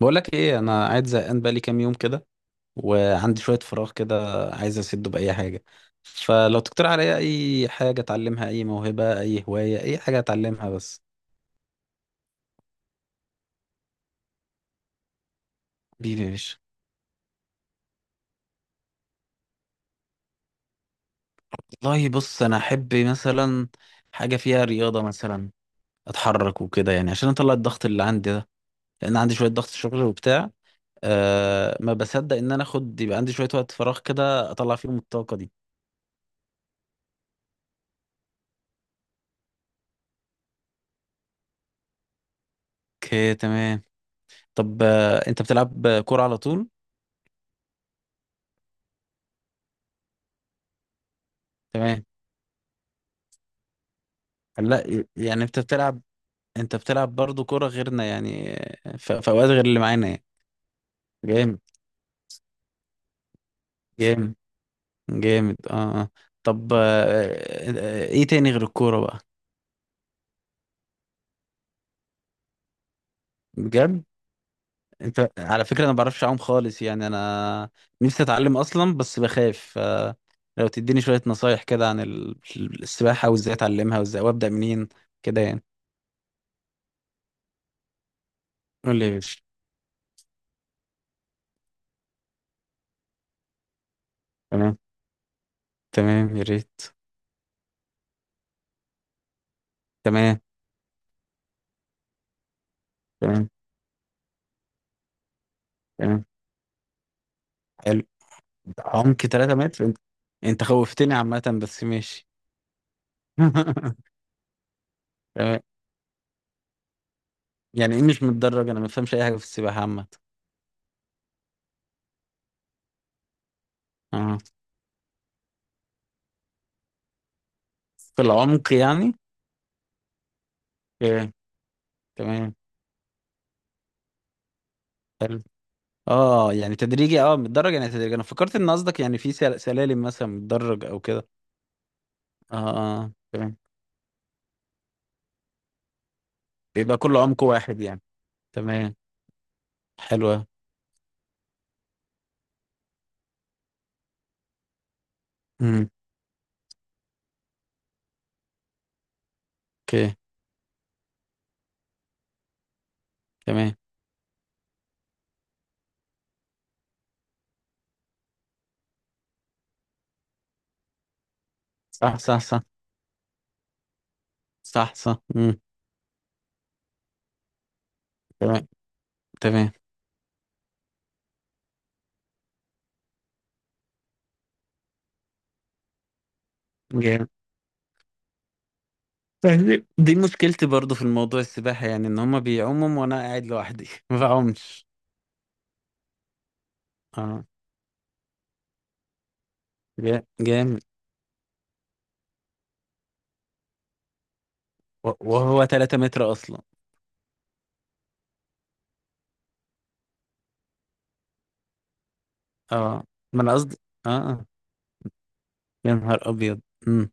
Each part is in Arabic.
بقولك ايه، انا قاعد زهقان بقالي كام يوم كده، وعندي شويه فراغ كده، عايز اسده باي حاجه. فلو تقترح عليا اي حاجه اتعلمها، اي موهبه، اي هوايه، اي حاجه اتعلمها بس. بيبي يا باشا. والله بص انا احب مثلا حاجه فيها رياضه، مثلا اتحرك وكده يعني عشان اطلع الضغط اللي عندي ده، لان عندي شويه ضغط شغل وبتاع. أه ما بصدق ان انا اخد يبقى عندي شويه وقت فراغ كده اطلع فيهم الطاقه دي. اوكي تمام. طب انت بتلعب كوره على طول؟ تمام. لا يعني انت بتلعب برضو كرة غيرنا يعني؟ في اوقات غير اللي معانا يعني. جامد جامد جامد، اه اه. طب ايه تاني غير الكورة بقى؟ بجد؟ انت على فكرة انا ما بعرفش اعوم خالص يعني، انا نفسي اتعلم اصلا بس بخاف. لو تديني شوية نصايح كده عن السباحة، وازاي اتعلمها، وازاي وابدأ منين كده يعني. قول لي يا باشا. تمام. تمام يا ريت. تمام تمام تمام، حلو. عمق 3 متر؟ انت انت خوفتني عامة بس ماشي. تمام. يعني ايه مش متدرج؟ انا ما بفهمش اي حاجة في السباحة عامة. اه، في العمق يعني. اوكي تمام، حلو. اه يعني تدريجي، اه متدرج يعني تدريجي. انا فكرت ان قصدك يعني في سلالم مثلا متدرج او كده. اه اه. تمام. يبقى كل عمق واحد يعني. تمام. حلوة. امم. اوكي تمام. صح صح صح. صح صح، امم. تمام تمام. جامد. فاهمني؟ دي مشكلتي برضو في الموضوع السباحة يعني، ان هما بيعوموا وانا قاعد لوحدي ما بعومش. اه، جامد. وهو 3 متر اصلا؟ اه ما انا قصدي، اه. يا نهار ابيض. امم.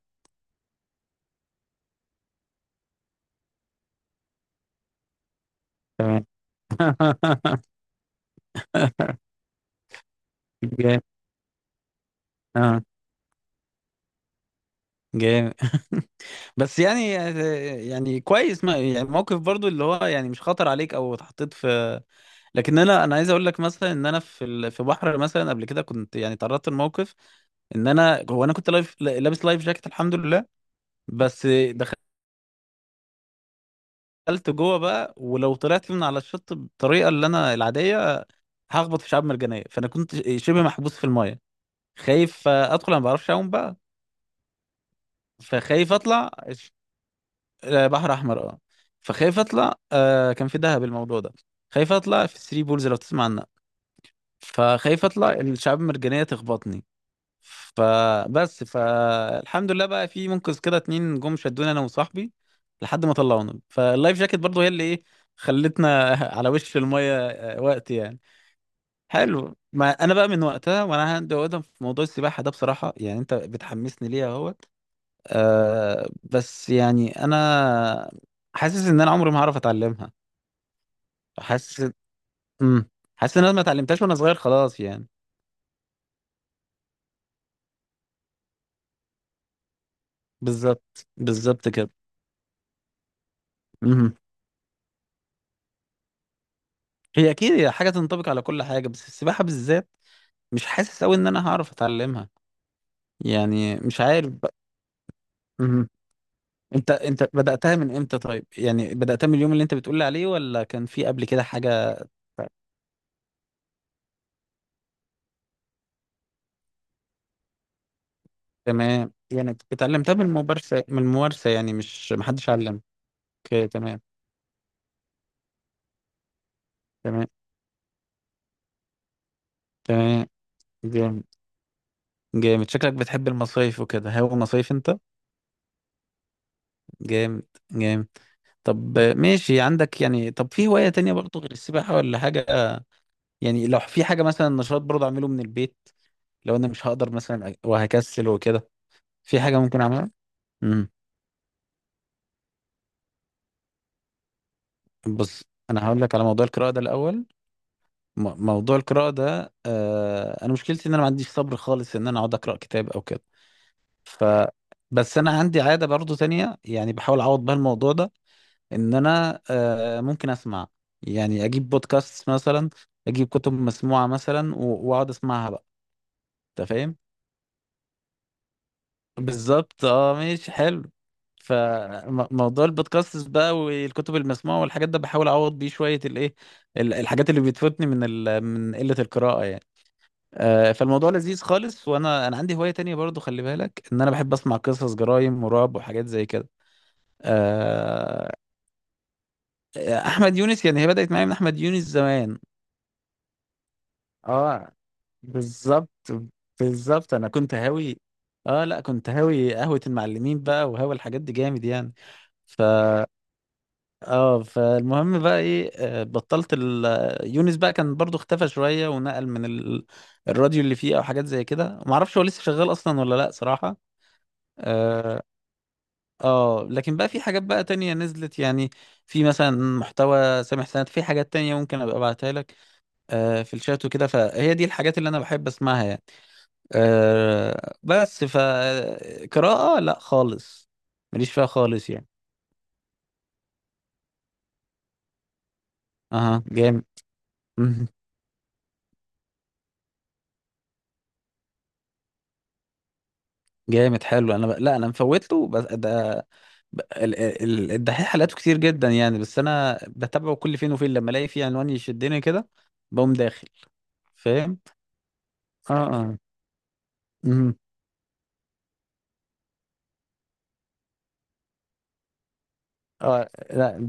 تمام. جامد، اه. جامد. بس يعني، يعني كويس، ما يعني موقف برضو اللي هو يعني مش خطر عليك او اتحطيت في. لكن انا عايز اقول لك مثلا ان انا في في بحر مثلا قبل كده كنت يعني تعرضت لموقف. ان انا، هو انا كنت لايف، لابس لايف جاكيت الحمد لله. بس دخلت جوه بقى، ولو طلعت من على الشط بالطريقه اللي انا العاديه، هخبط في شعاب مرجانيه. فانا كنت شبه محبوس في المايه، خايف ادخل، انا ما بعرفش اعوم بقى. فخايف اطلع ش- بحر احمر، اه. فخايف اطلع، كان في دهب الموضوع ده. خايف اطلع في الثري بولز، لو تسمع عنها. فخايف اطلع الشعاب المرجانيه تخبطني. فبس، فالحمد لله بقى في منقذ كده، 2 جم شدونا انا وصاحبي لحد ما طلعونا. فاللايف جاكيت برضو هي اللي ايه، خلتنا على وش الميه وقت يعني. حلو. ما انا بقى من وقتها وانا عندي عقده في موضوع السباحه ده بصراحه، يعني انت بتحمسني ليها اهوت. أه بس يعني انا حاسس ان انا عمري ما هعرف اتعلمها. حاسس. امم. حاسس ان انا ما اتعلمتهاش وانا صغير خلاص يعني. بالظبط بالظبط كده. هي اكيد هي حاجه تنطبق على كل حاجه، بس السباحه بالذات مش حاسس قوي ان انا هعرف اتعلمها يعني. مش عارف بقى. مهم. انت انت بداتها من امتى طيب؟ يعني بداتها من اليوم اللي انت بتقول لي عليه، ولا كان في قبل كده حاجه؟ تمام، يعني اتعلمتها من الممارسه، من الممارسه يعني، مش محدش علم. اوكي تمام. تمام تمام. جامد. جامد، شكلك بتحب المصايف وكده. هو مصايف انت؟ جامد. جامد. طب ماشي، عندك يعني، طب في هوايه تانية برضه غير السباحه ولا حاجه؟ يعني لو في حاجة مثلا نشاط برضه أعمله من البيت، لو أنا مش هقدر مثلا وهكسل وكده. في حاجة ممكن أعملها؟ امم. بص، أنا هقول لك على موضوع القراءة ده الأول. موضوع القراءة ده، أنا مشكلتي إن أنا ما عنديش صبر خالص إن أنا أقعد أقرأ كتاب أو كده. ف بس أنا عندي عادة برضه تانية يعني، بحاول أعوض بها الموضوع ده، إن أنا ممكن أسمع. يعني أجيب بودكاست مثلا، أجيب كتب مسموعة مثلا، وأقعد أسمعها بقى. أنت فاهم؟ بالظبط، اه ماشي حلو. فموضوع البودكاست بقى والكتب المسموعة والحاجات ده بحاول أعوض بيه شوية الإيه، الحاجات اللي بتفوتني من من قلة القراءة يعني. فالموضوع لذيذ خالص. وأنا، أنا عندي هواية تانية برضو، خلي بالك إن أنا بحب أسمع قصص جرايم ورعب وحاجات زي كده. آه، أحمد يونس، يعني هي بدأت معايا من أحمد يونس زمان. اه بالظبط. بالظبط، أنا كنت هاوي. اه لا، كنت هاوي قهوة المعلمين بقى، وهاوي الحاجات دي جامد يعني. ف اه، فالمهم بقى ايه، بطلت ال... آه، يونس بقى كان برضو اختفى شوية، ونقل من الراديو اللي فيه او حاجات زي كده، ما اعرفش هو لسه شغال اصلا ولا لا صراحة. اه. لكن بقى في حاجات بقى تانية نزلت يعني. في مثلا محتوى سامح سند، في حاجات تانية ممكن ابقى ابعتها لك في الشات وكده. فهي دي الحاجات اللي انا بحب اسمعها يعني. بس فقراءة لا خالص، ماليش فيها خالص يعني. اها جامد. جامد حلو. انا لا انا مفوته، بس ده، الدحيح حلقاته كتير جدا يعني. بس انا بتابعه كل فين وفين، لما الاقي فيه عنوان يشدني كده بقوم داخل. فاهم. اه اه. مم. اه لا،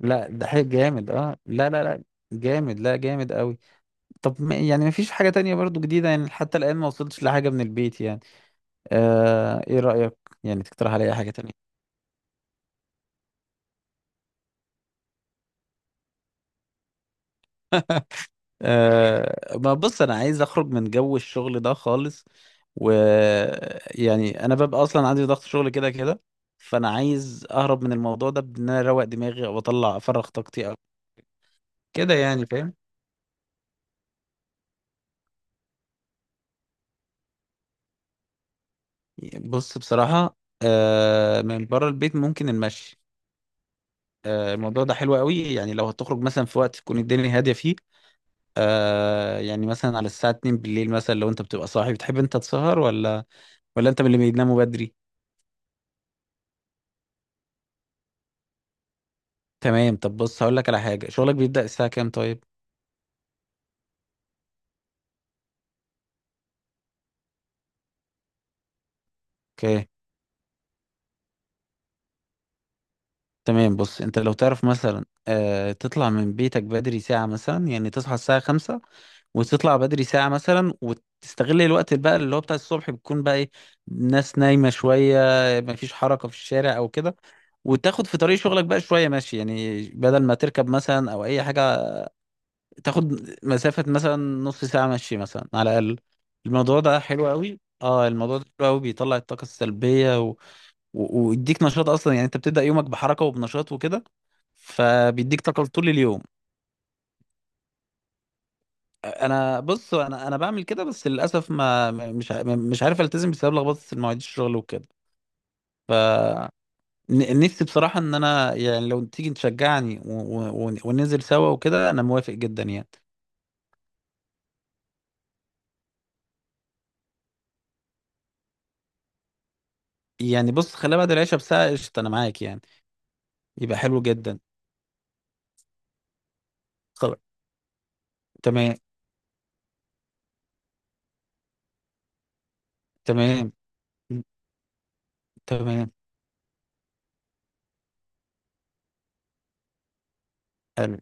لا الدحيح جامد، اه لا لا لا. جامد، لا جامد قوي. طب ما يعني ما فيش حاجة تانية برضو جديدة يعني؟ حتى الآن ما وصلتش لحاجة من البيت يعني. ايه رأيك؟ يعني تقترح عليا حاجة تانية. أه ما بص، انا عايز اخرج من جو الشغل ده خالص. ويعني انا ببقى اصلا عندي ضغط شغل كده كده، فانا عايز اهرب من الموضوع ده بان انا اروق دماغي او اطلع افرغ طاقتي او كده يعني، فاهم. بص بصراحة، أه من بره البيت ممكن المشي. أه الموضوع ده حلو قوي يعني، لو هتخرج مثلا في وقت تكون الدنيا هادية فيه. أه يعني مثلا على الساعة 2 بالليل مثلا، لو انت بتبقى صاحي بتحب انت تسهر، ولا ولا انت من اللي بيناموا بدري؟ تمام. طب بص هقول لك على حاجة، شغلك بيبدأ الساعة كام طيب؟ اوكي تمام. بص، انت لو تعرف مثلا تطلع من بيتك بدري ساعة مثلا، يعني تصحى الساعة 5، وتطلع بدري ساعة مثلا، وتستغل الوقت بقى اللي هو بتاع الصبح، بتكون بقى ايه الناس نايمة شوية، مفيش حركة في الشارع او كده، وتاخد في طريق شغلك بقى شوية ماشي يعني، بدل ما تركب مثلا او اي حاجة. تاخد مسافة مثلا نص ساعة مشي مثلا على الاقل. الموضوع ده حلو قوي، اه الموضوع ده حلو قوي، بيطلع الطاقة السلبية ويديك نشاط اصلا. يعني انت بتبدأ يومك بحركة وبنشاط وكده، فبيديك طاقة طول اليوم. انا بص، انا بعمل كده بس للاسف مش عارف التزم بسبب لخبطة المواعيد الشغل وكده. نفسي بصراحة ان انا يعني لو تيجي تشجعني وننزل سوا وكده، انا موافق جدا يعني. يعني بص، خليها بعد العشاء بساعة قشطة، انا معاك يعني. يبقى حلو جدا. خلاص تمام تمام تمام، حلو.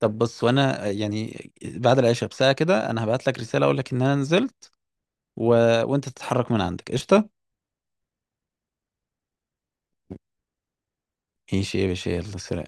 طب بص، وانا يعني بعد العشاء بساعة كده انا هبعت لك رسالة اقول لك ان انا نزلت. و... وانت تتحرك من عندك قشطة. ماشي يا باشا، يلا سلام.